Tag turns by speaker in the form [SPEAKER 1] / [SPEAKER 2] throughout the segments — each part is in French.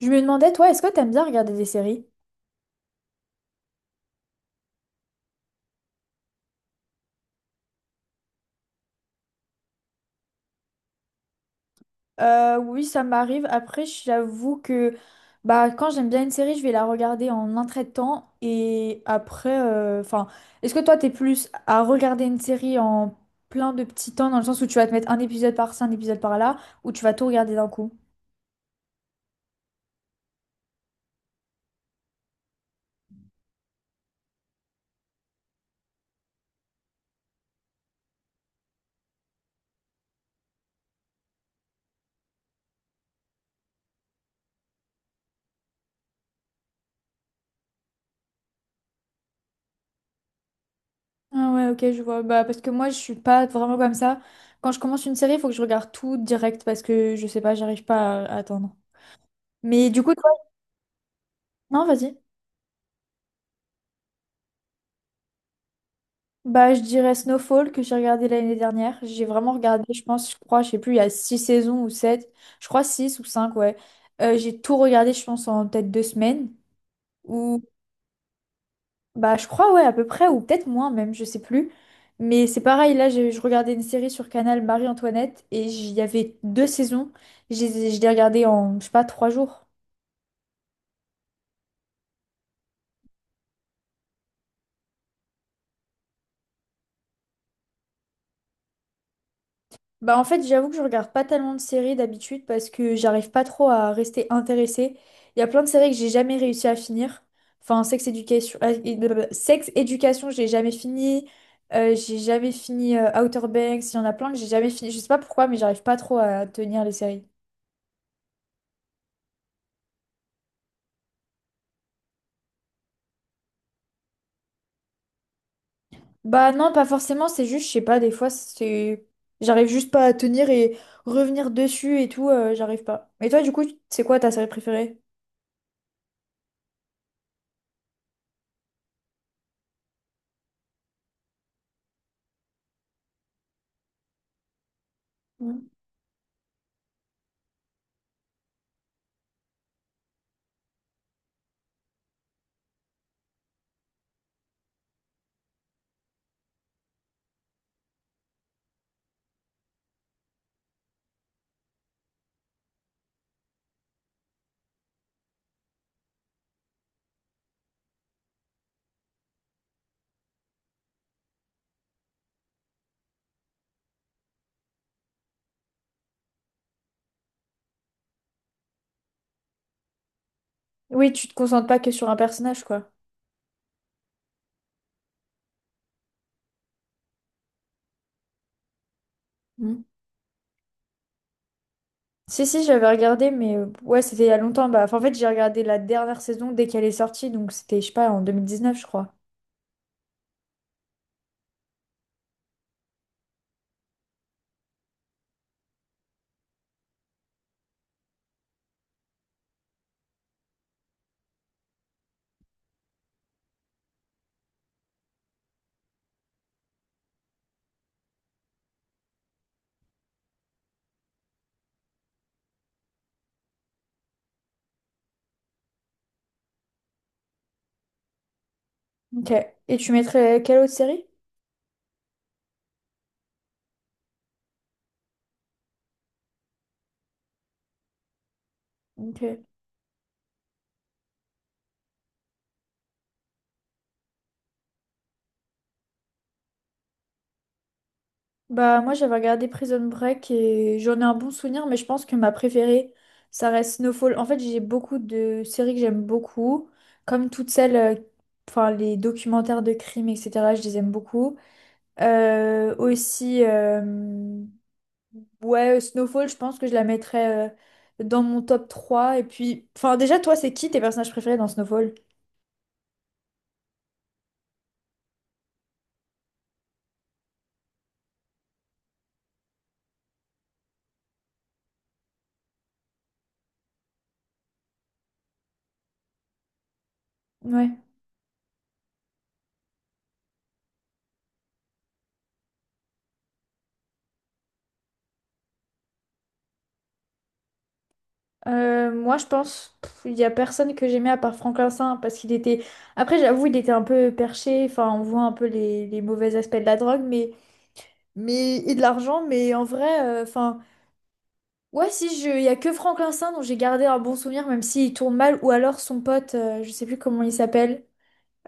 [SPEAKER 1] Je me demandais, toi, est-ce que t'aimes bien regarder des séries? Oui, ça m'arrive. Après, j'avoue que quand j'aime bien une série, je vais la regarder en un trait de temps. Et après, est-ce que toi, t'es plus à regarder une série en plein de petits temps, dans le sens où tu vas te mettre un épisode par-ci, un épisode par-là, ou tu vas tout regarder d'un coup? Ah ouais, ok, je vois. Bah, parce que moi, je suis pas vraiment comme ça. Quand je commence une série, il faut que je regarde tout direct parce que je sais pas, j'arrive pas à attendre. Mais du coup, toi, non, vas-y. Bah, je dirais Snowfall que j'ai regardé l'année dernière. J'ai vraiment regardé, je pense, je crois, je sais plus, il y a six saisons ou sept. Je crois six ou cinq, ouais. J'ai tout regardé, je pense, en peut-être deux semaines. Ou, je crois, ouais, à peu près, ou peut-être moins même, je sais plus. Mais c'est pareil, là, je regardais une série sur Canal Marie-Antoinette et il y avait deux saisons. Je l'ai regardé en, je sais pas, trois jours. Bah en fait, j'avoue que je regarde pas tellement de séries d'habitude parce que j'arrive pas trop à rester intéressée. Il y a plein de séries que j'ai jamais réussi à finir. Enfin, Sex Education, et- blablabla. Sex Education, j'ai jamais fini. J'ai jamais fini Outer Banks. Il y en a plein que j'ai jamais fini. Je sais pas pourquoi, mais j'arrive pas trop à tenir les séries. Bah non, pas forcément. C'est juste, je sais pas. Des fois, j'arrive juste pas à tenir et revenir dessus et tout. J'arrive pas. Et toi, du coup, c'est quoi ta série préférée? Mm. Oui, tu te concentres pas que sur un personnage, quoi. Si, si, j'avais regardé, mais ouais, c'était il y a longtemps. Bah, enfin, en fait, j'ai regardé la dernière saison dès qu'elle est sortie, donc c'était, je sais pas, en 2019 je crois. Ok. Et tu mettrais quelle autre série? Ok. Bah, moi, j'avais regardé Prison Break et j'en ai un bon souvenir, mais je pense que ma préférée, ça reste Snowfall. En fait, j'ai beaucoup de séries que j'aime beaucoup, comme toutes celles, les documentaires de crimes, etc., je les aime beaucoup. Euh, aussi. euh, Ouais, Snowfall, je pense que je la mettrais dans mon top 3. Et puis, enfin, déjà, toi, c'est qui tes personnages préférés dans Snowfall? Ouais. Moi, je pense pff, il y a personne que j'aimais à part Franklin Saint parce qu'il était. Après, j'avoue, il était un peu perché. Enfin, on voit un peu les mauvais aspects de la drogue, mais et de l'argent. Mais en vrai, ouais, si je, il y a que Franklin Saint dont j'ai gardé un bon souvenir, même s'il tourne mal, ou alors son pote, je sais plus comment il s'appelle.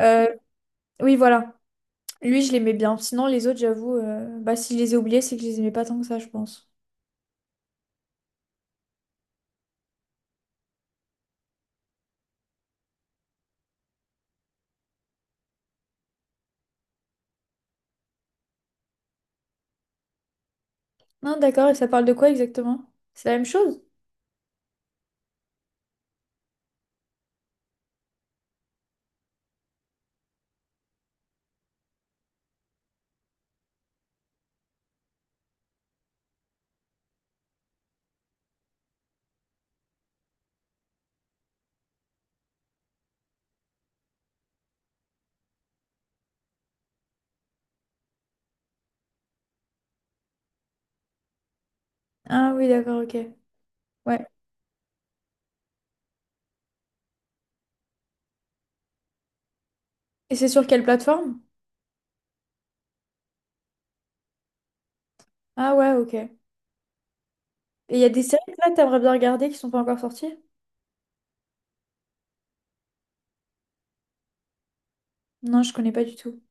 [SPEAKER 1] Euh, oui, voilà. Lui, je l'aimais bien. Sinon, les autres, j'avoue, bah, si je les ai oubliés, c'est que je les aimais pas tant que ça, je pense. Non, d'accord, et ça parle de quoi exactement? C'est la même chose? Ah oui, d'accord, ok. Ouais. Et c'est sur quelle plateforme? Ah ouais, ok. Et il y a des séries que là, t'aimerais bien regarder qui sont pas encore sorties? Non, je connais pas du tout.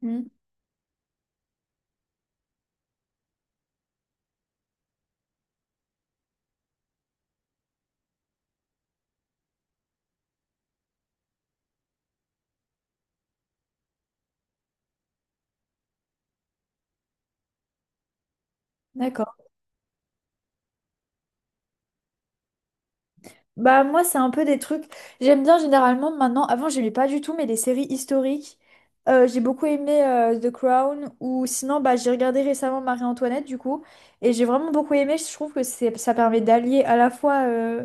[SPEAKER 1] Hmm. D'accord. Bah moi c'est un peu des trucs. J'aime bien généralement maintenant. Avant j'aimais pas du tout mais les séries historiques. J'ai beaucoup aimé The Crown ou sinon bah j'ai regardé récemment Marie-Antoinette du coup et j'ai vraiment beaucoup aimé. Je trouve que c'est ça permet d'allier à la fois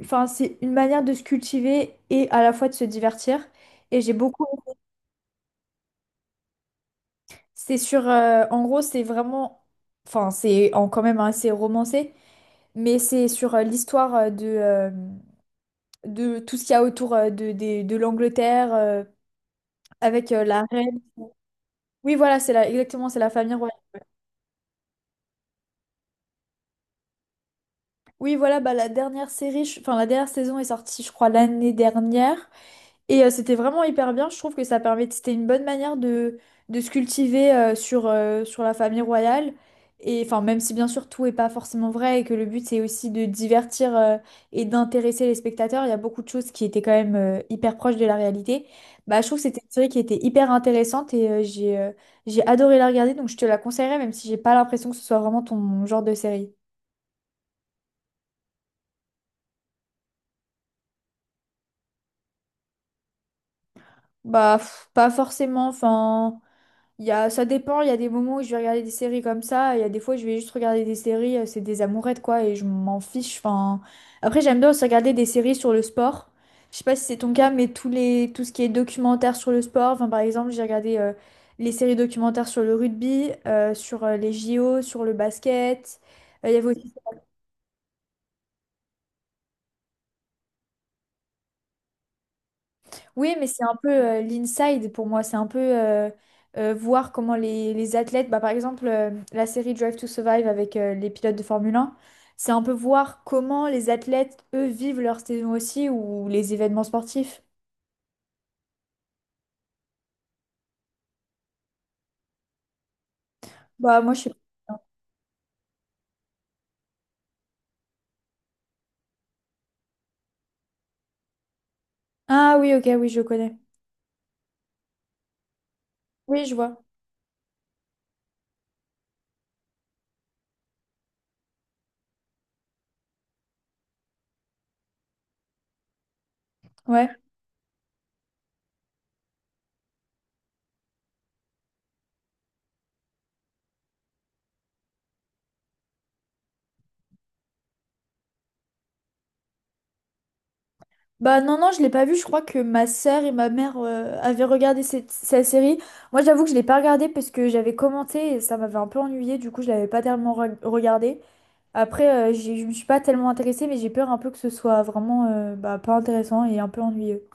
[SPEAKER 1] enfin c'est une manière de se cultiver et à la fois de se divertir et j'ai beaucoup c'est sur en gros c'est vraiment enfin c'est en quand même assez romancé mais c'est sur l'histoire de tout ce qu'il y a autour de l'Angleterre avec la reine. Oui, voilà, c'est la, exactement, c'est la famille royale. Oui, voilà, bah, la dernière série, je- enfin la dernière saison est sortie, je crois, l'année dernière. Et c'était vraiment hyper bien. Je trouve que ça permet, c'était une bonne manière de se cultiver sur la famille royale. Et enfin, même si bien sûr tout est pas forcément vrai et que le but c'est aussi de divertir et d'intéresser les spectateurs, il y a beaucoup de choses qui étaient quand même hyper proches de la réalité. Bah, je trouve que c'était une série qui était hyper intéressante et j'ai adoré la regarder. Donc je te la conseillerais, même si j'ai pas l'impression que ce soit vraiment ton genre de série. Bah, pff, pas forcément. Enfin. Il y a, ça dépend, il y a des moments où je vais regarder des séries comme ça, il y a des fois je vais juste regarder des séries, c'est des amourettes quoi, et je m'en fiche. Enfin. Après j'aime bien aussi regarder des séries sur le sport. Je sais pas si c'est ton cas, mais tous les tout ce qui est documentaire sur le sport, enfin, par exemple j'ai regardé les séries documentaires sur le rugby, sur les JO, sur le basket. Il y avait Oui, mais c'est un peu l'inside pour moi. C'est un peu voir comment les athlètes, bah, par exemple, la série Drive to Survive avec les pilotes de Formule 1. C'est un peu voir comment les athlètes, eux, vivent leur saison aussi ou les événements sportifs. Bah, moi, je sais pas. Ah oui, ok, oui, je connais. Oui, je vois. Ouais. Bah non, non, je l'ai pas vu. Je crois que ma sœur et ma mère avaient regardé cette série. Moi, j'avoue que je l'ai pas regardée parce que j'avais commenté et ça m'avait un peu ennuyée. Du coup, je l'avais pas tellement regardée. Après, je ne me suis pas tellement intéressée, mais j'ai peur un peu que ce soit vraiment bah, pas intéressant et un peu ennuyeux.